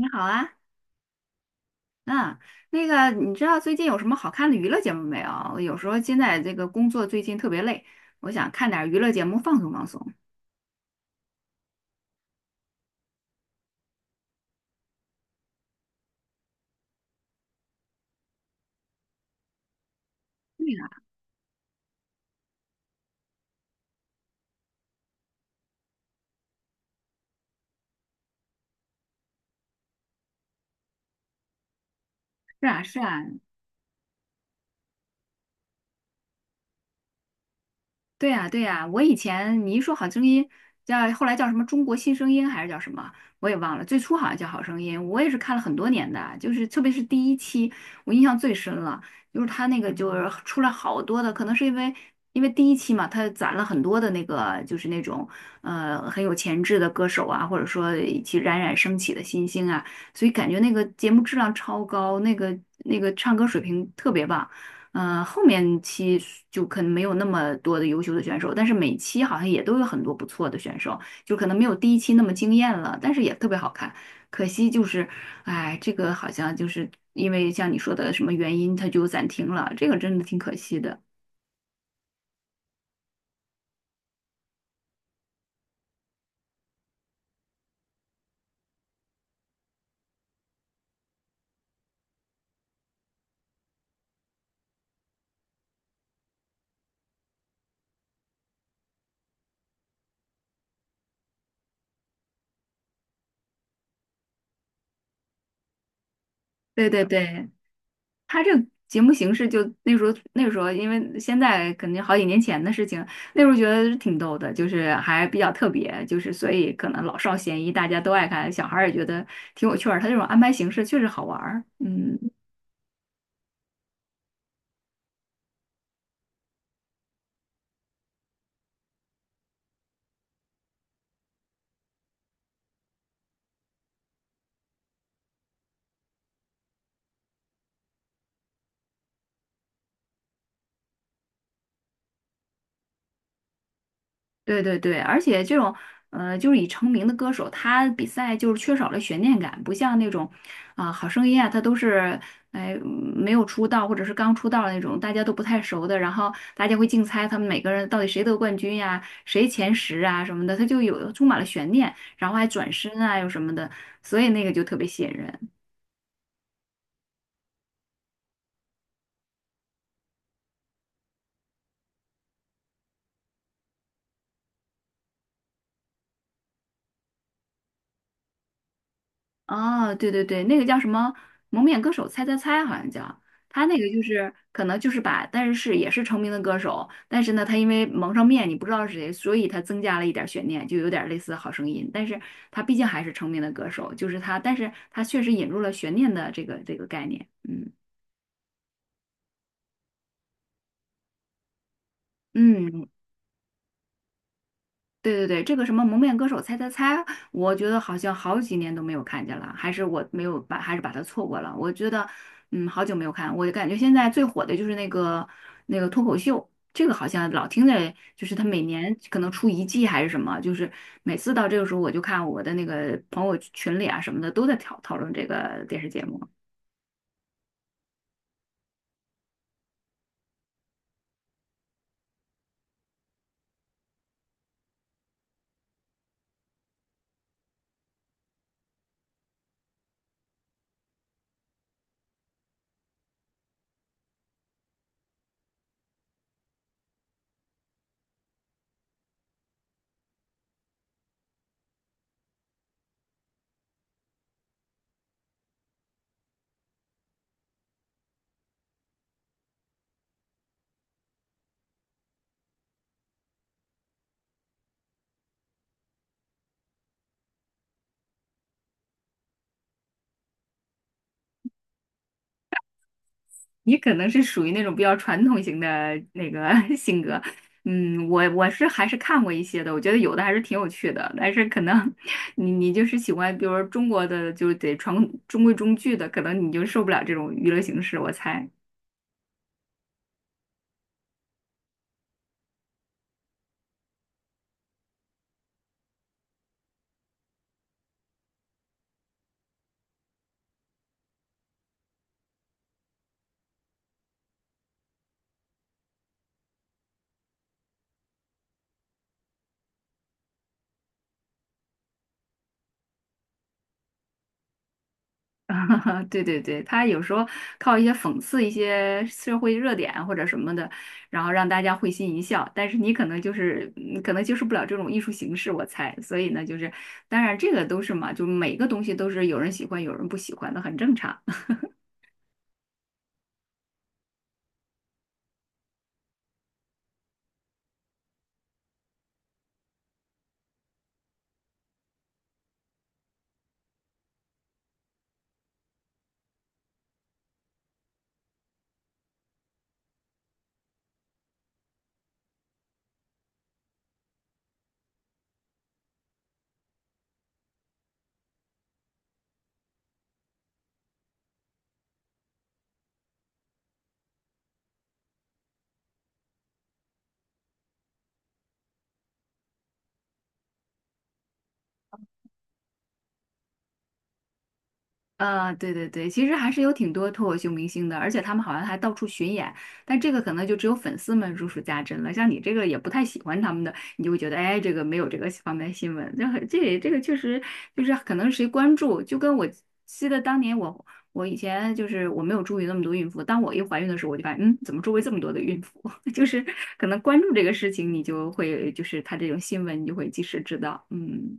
你好啊，嗯，那个，你知道最近有什么好看的娱乐节目没有？我有时候现在这个工作最近特别累，我想看点儿娱乐节目放松放松。对呀，是啊，是啊，对呀，对呀，我以前你一说《好声音》，后来叫什么《中国新声音》还是叫什么，我也忘了。最初好像叫《好声音》，我也是看了很多年的，就是特别是第一期，我印象最深了，就是他那个就是出来好多的，可能是因为第一期嘛，他攒了很多的那个就是那种很有潜质的歌手啊，或者说一起冉冉升起的新星啊，所以感觉那个节目质量超高，那个唱歌水平特别棒。后面期就可能没有那么多的优秀的选手，但是每期好像也都有很多不错的选手，就可能没有第一期那么惊艳了，但是也特别好看。可惜就是，哎，这个好像就是因为像你说的什么原因，它就暂停了，这个真的挺可惜的。对对对。他这个节目形式就那时候，因为现在肯定好几年前的事情，那时候觉得挺逗的，就是还比较特别，就是所以可能老少咸宜，大家都爱看，小孩儿也觉得挺有趣儿。他这种安排形式确实好玩儿，嗯。对对对，而且这种，就是已成名的歌手，他比赛就是缺少了悬念感，不像那种，啊、好声音啊，他都是，哎，没有出道或者是刚出道的那种，大家都不太熟的，然后大家会竞猜他们每个人到底谁得冠军呀、谁前十啊什么的，他就有充满了悬念，然后还转身啊又什么的，所以那个就特别吸引人。哦，对对对，那个叫什么《蒙面歌手猜猜猜》，好像叫他那个，就是可能就是把，但是也是成名的歌手，但是呢，他因为蒙上面，你不知道是谁，所以他增加了一点儿悬念，就有点儿类似《好声音》，但是他毕竟还是成名的歌手，就是他，但是他确实引入了悬念的这个概念，嗯嗯，对对对，这个什么《蒙面歌手猜猜猜》，我觉得好像好几年都没有看见了，还是我没有把，还是把它错过了。我觉得，好久没有看，我感觉现在最火的就是那个脱口秀，这个好像老听着，就是他每年可能出一季还是什么，就是每次到这个时候我就看我的那个朋友群里啊什么的都在讨论这个电视节目。你可能是属于那种比较传统型的那个 性格，我是还是看过一些的，我觉得有的还是挺有趣的，但是可能 你就是喜欢，比如说中国的，就是中规中矩的，可能你就受不了这种娱乐形式，我猜。对对对，他有时候靠一些讽刺一些社会热点或者什么的，然后让大家会心一笑。但是你可能就是，可能接受不了这种艺术形式，我猜。所以呢，就是，当然这个都是嘛，就每个东西都是有人喜欢，有人不喜欢的，很正常。啊，对对对，其实还是有挺多脱口秀明星的，而且他们好像还到处巡演，但这个可能就只有粉丝们如数家珍了。像你这个也不太喜欢他们的，你就会觉得，哎，这个没有这个方面新闻，这很这也这个确实就是可能谁关注，就跟我记得当年我以前就是我没有注意那么多孕妇，当我一怀孕的时候，我就发现，怎么周围这么多的孕妇？就是可能关注这个事情，你就会就是他这种新闻，你就会及时知道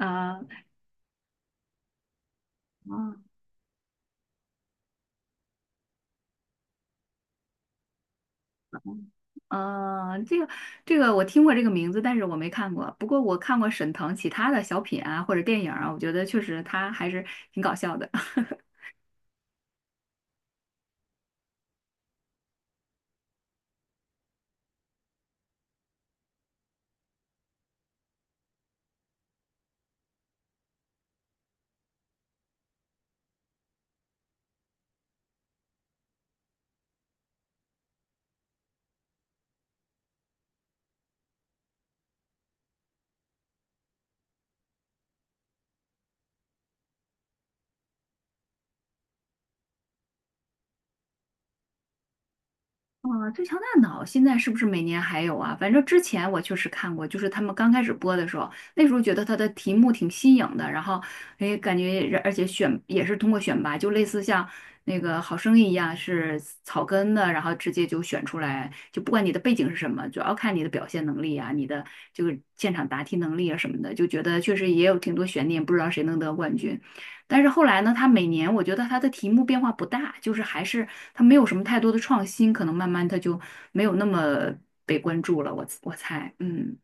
啊。嗯，这个这个我听过这个名字，但是我没看过。不过我看过沈腾其他的小品啊，或者电影啊，我觉得确实他还是挺搞笑的。啊，最强大脑现在是不是每年还有啊？反正之前我确实看过，就是他们刚开始播的时候，那时候觉得它的题目挺新颖的，然后哎，感觉而且选也是通过选拔，就类似像那个《好声音》一样是草根的，然后直接就选出来，就不管你的背景是什么，主要看你的表现能力啊，你的这个现场答题能力啊什么的，就觉得确实也有挺多悬念，不知道谁能得冠军。但是后来呢，它每年我觉得它的题目变化不大，就是还是它没有什么太多的创新，可能慢慢它就没有那么被关注了。我猜，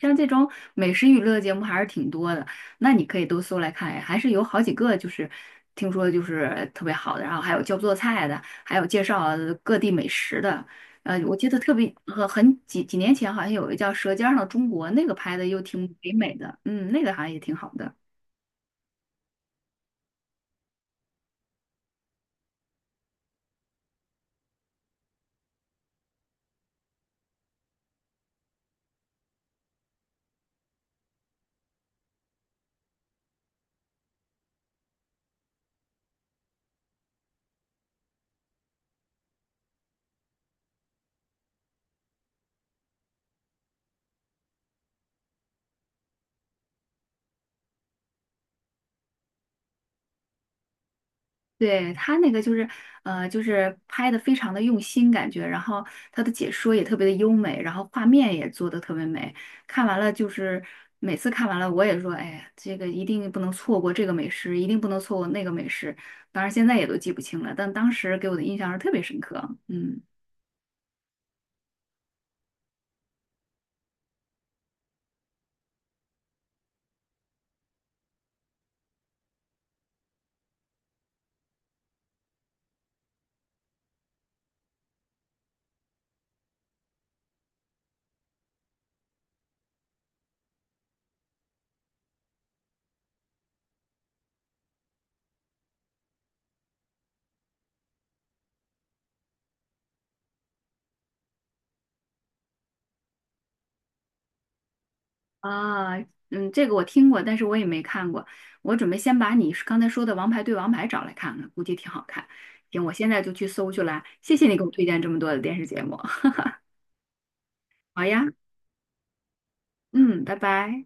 像这种美食娱乐节目还是挺多的，那你可以都搜来看呀还是有好几个就是听说就是特别好的，然后还有教做菜的，还有介绍各地美食的。我记得特别很几年前好像有一个叫《舌尖上的中国》，那个拍的又挺唯美的，那个好像也挺好的。对，他那个就是，就是拍的非常的用心感觉，然后他的解说也特别的优美，然后画面也做的特别美。看完了就是每次看完了，我也说，哎呀，这个一定不能错过这个美食，一定不能错过那个美食。当然现在也都记不清了，但当时给我的印象是特别深刻。嗯啊，这个我听过，但是我也没看过。我准备先把你刚才说的《王牌对王牌》找来看看，估计挺好看。行，我现在就去搜去了。谢谢你给我推荐这么多的电视节目。好呀，嗯，拜拜。